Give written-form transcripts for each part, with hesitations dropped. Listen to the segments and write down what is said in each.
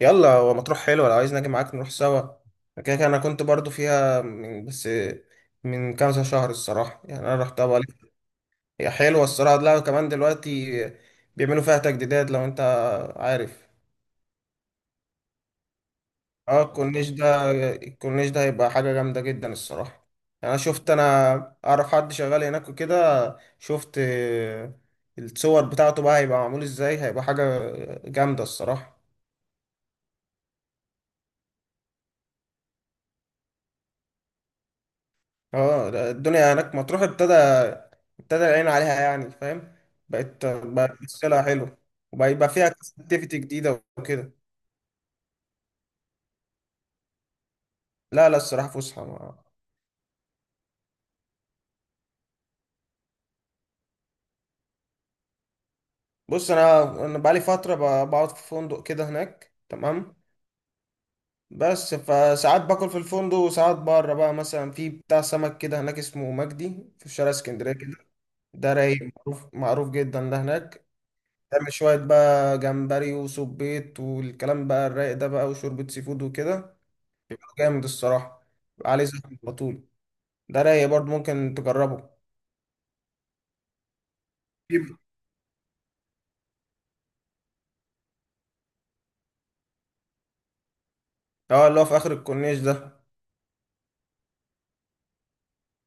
يلا هو مطروح حلو لو عايز نجي معاك نروح سوا. كده كده انا كنت برضو فيها بس من كذا شهر الصراحة، يعني انا رحتها بقى. هي حلوة الصراحة، لا كمان دلوقتي بيعملوا فيها تجديدات لو انت عارف. اه الكورنيش ده هيبقى حاجة جامدة جدا الصراحة، يعني انا اعرف حد شغال هناك وكده، شفت الصور بتاعته بقى، هيبقى معمول ازاي، هيبقى حاجة جامدة الصراحة. اه لا، الدنيا هناك مطروح ابتدى العين عليها يعني، فاهم، بقت تشتغلها حلو، وبقى يبقى فيها اكتيفيتي جديدة وكده. لا لا الصراحة فسحة. بص انا بقالي فترة بقعد في فندق كده هناك تمام. بس فساعات باكل في الفندق، وساعات بره بقى، مثلا في بتاع سمك كده هناك اسمه مجدي في شارع اسكندرية كده، ده رايق. معروف معروف جدا ده هناك. تعمل شوية بقى جمبري وسبيط والكلام بقى الرايق ده بقى، وشوربة سي فود وكده، جامد الصراحة. بيبقى عليه زحمة على طول، ده رايق برضه، ممكن تجربه. جيب. اه اللي هو في آخر الكورنيش ده.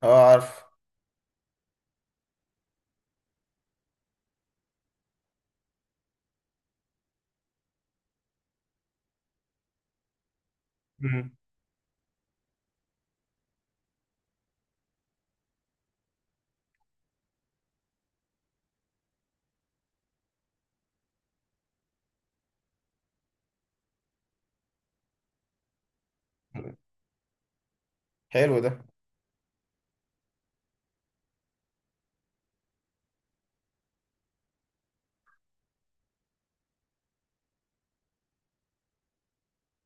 اه عارف. مم. حلو ده.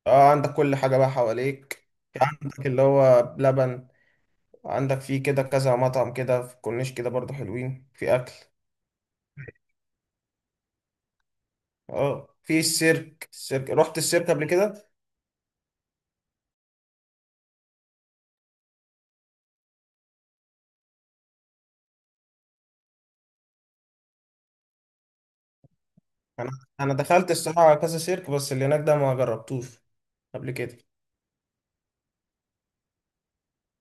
اه عندك كل حاجة بقى حواليك، عندك اللي هو بلبن، عندك فيه كده كذا مطعم كده في الكورنيش كده برضه حلوين في أكل. اه في السيرك، رحت السيرك قبل كده؟ أنا أنا دخلت الصراحة على كذا سيرك، بس اللي هناك ده ما جربتوش قبل كده.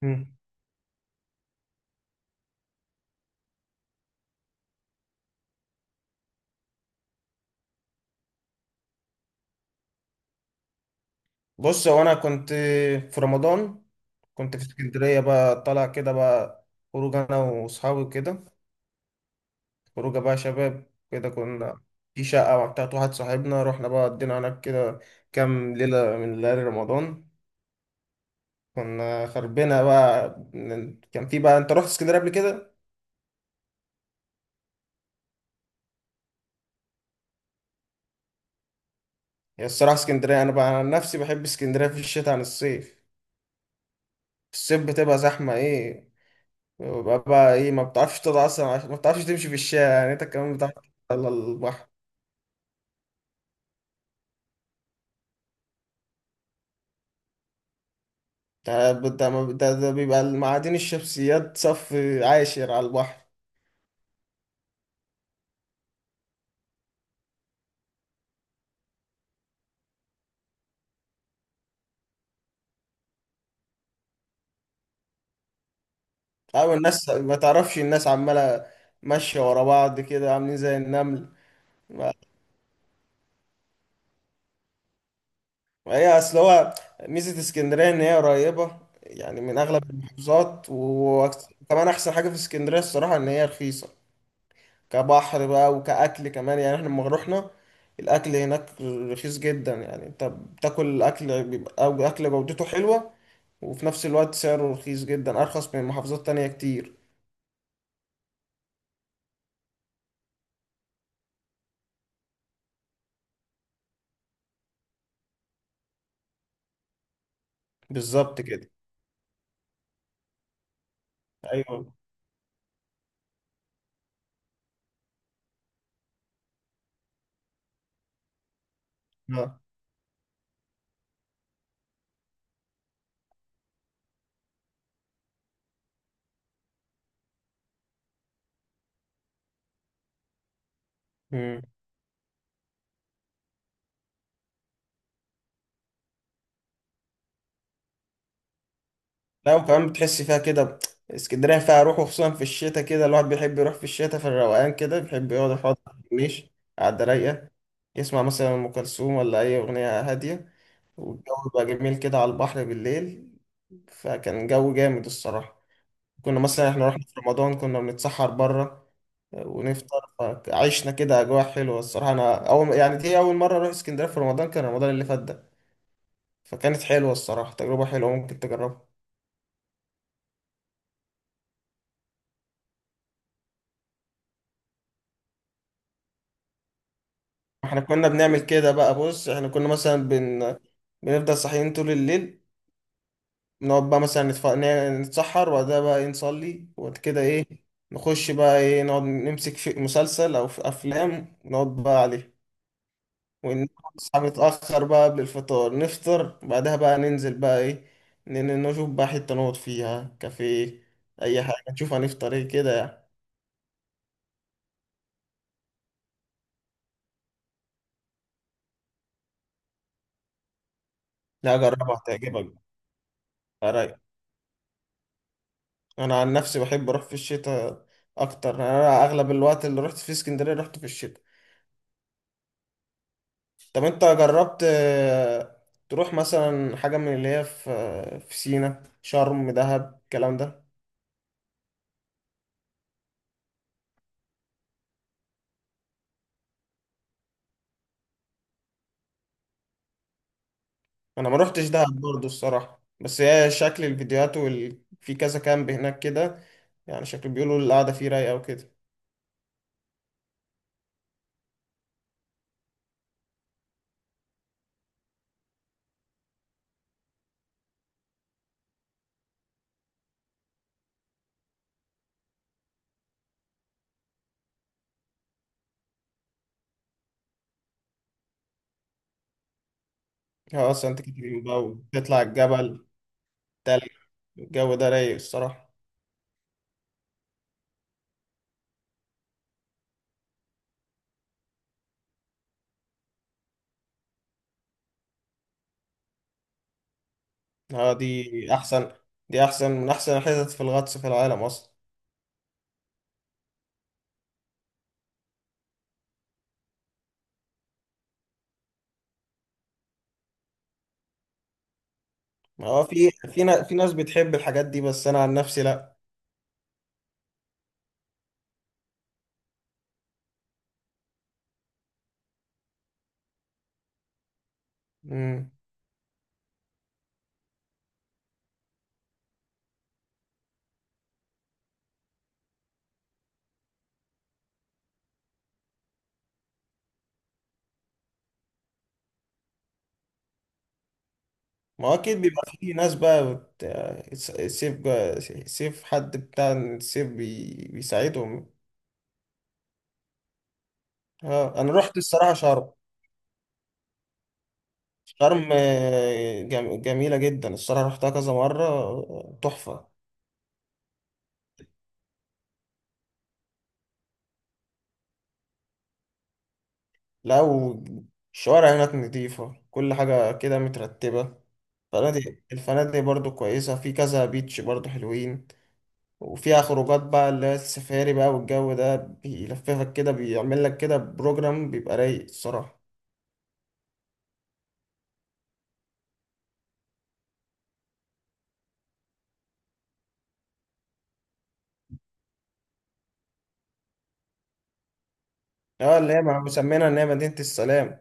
مم. بص هو انا كنت في رمضان، كنت في اسكندريه بقى، طالع كده بقى، خروج انا واصحابي كده، خروجه بقى شباب كده، كنا في شقه بتاعت واحد صاحبنا، رحنا بقى قضينا هناك كده كام ليله من ليالي رمضان. كنا خربنا بقى كان في بقى، انت رحت اسكندريه قبل كده؟ هي الصراحه اسكندريه انا بقى عن نفسي بحب اسكندريه في الشتاء عن الصيف. في الصيف بتبقى زحمه ايه، بقى ايه، ما بتعرفش تقعد اصلا، ما بتعرفش تمشي في الشارع، يعني انت كمان بتعرف على البحر. ده ده ما- ده ده بيبقى معادن الشمسيات صف عاشر على البحر. أو الناس، ما تعرفش، الناس عمالة ماشية ورا بعض كده عاملين زي النمل. ما ما هي أصل هو ميزة اسكندرية إن هي قريبة يعني من أغلب المحافظات. وكمان أحسن حاجة في اسكندرية الصراحة إن هي رخيصة، كبحر بقى وكأكل كمان، يعني إحنا لما رحنا، الأكل هناك رخيص جدا، يعني أنت بتاكل أكل بيبقى أو أكل جودته حلوة وفي نفس الوقت سعره رخيص جدا، أرخص من محافظات تانية كتير. بالظبط كده، أيوه. آه. مم. لا، وكمان بتحس فيها كده، اسكندرية فيها روح، وخصوصا في الشتاء كده الواحد بيحب يروح في الشتاء في الروقان كده، بيحب يقعد يقعد، مش قاعدة رايقة، يسمع مثلا أم كلثوم ولا أي أغنية هادية، والجو بقى جميل كده على البحر بالليل، فكان جو جامد الصراحة. كنا مثلا احنا رحنا في رمضان كنا بنتسحر بره ونفطر، عشنا كده اجواء حلوه الصراحه. انا اول يعني دي اول مره اروح اسكندريه في رمضان، كان رمضان اللي فات ده، فكانت حلوه الصراحه، تجربه حلوه، ممكن تجربها. احنا كنا بنعمل كده بقى، بص احنا كنا مثلا بنفضل صاحيين طول الليل، نقعد بقى مثلا نتسحر، وبعدها بقى ايه نصلي، وبعد كده ايه نخش بقى ايه، نقعد نمسك في مسلسل او في افلام نقعد بقى عليه، ونصحى متأخر بقى قبل الفطار نفطر، بعدها بقى ننزل بقى ايه، نشوف بقى حتة نقعد فيها كافيه، أي حاجة، نشوف هنفطر ايه كده يعني. لا جربها هتعجبك. رايق. أنا عن نفسي بحب أروح في الشتاء أكتر، أنا أغلب الوقت اللي رحت فيه اسكندرية رحت في الشتاء. طب أنت جربت تروح مثلا حاجة من اللي هي في سينا، شرم، دهب، الكلام ده؟ انا ما روحتش دهب برضه الصراحه، بس هي شكل الفيديوهات في كذا كامب هناك كده يعني، شكل بيقولوا القعده فيه رايقه وكده. اه سانت كاترين بقى وتطلع الجبل، تلج، الجو ده رايق الصراحه. اه دي احسن، من احسن الحتت في الغطس في العالم اصلا. ما هو في ناس بتحب الحاجات دي، بس انا عن نفسي لا. امم. ما هو اكيد بيبقى في ناس بقى سيف سيف حد بتاع السيف بيساعدهم. اه انا رحت الصراحه شرم. شرم جميلة جدا الصراحة، رحتها كذا مرة، تحفة. لا والشوارع هناك نظيفة، كل حاجة كده مترتبة، الفنادق، برضو كويسة، في كذا بيتش برضو حلوين. وفيها خروجات بقى اللي هي السفاري بقى، والجو ده بيلففك كده، بيعمل لك كده بروجرام بيبقى رايق الصراحة. اه اللي هي مسمينها ان هي مدينة السلام.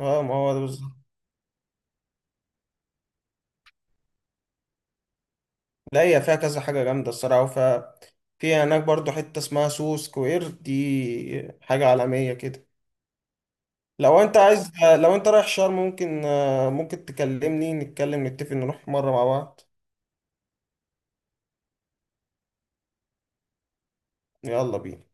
اه ما هو ده بالظبط. لا هي فيها كذا حاجة جامدة الصراحة، في هناك برضو حتة اسمها سو سكوير، دي حاجة عالمية كده. لو انت عايز لو انت رايح شرم، ممكن، تكلمني نتكلم نتفق نروح مرة مع بعض. يلا بينا.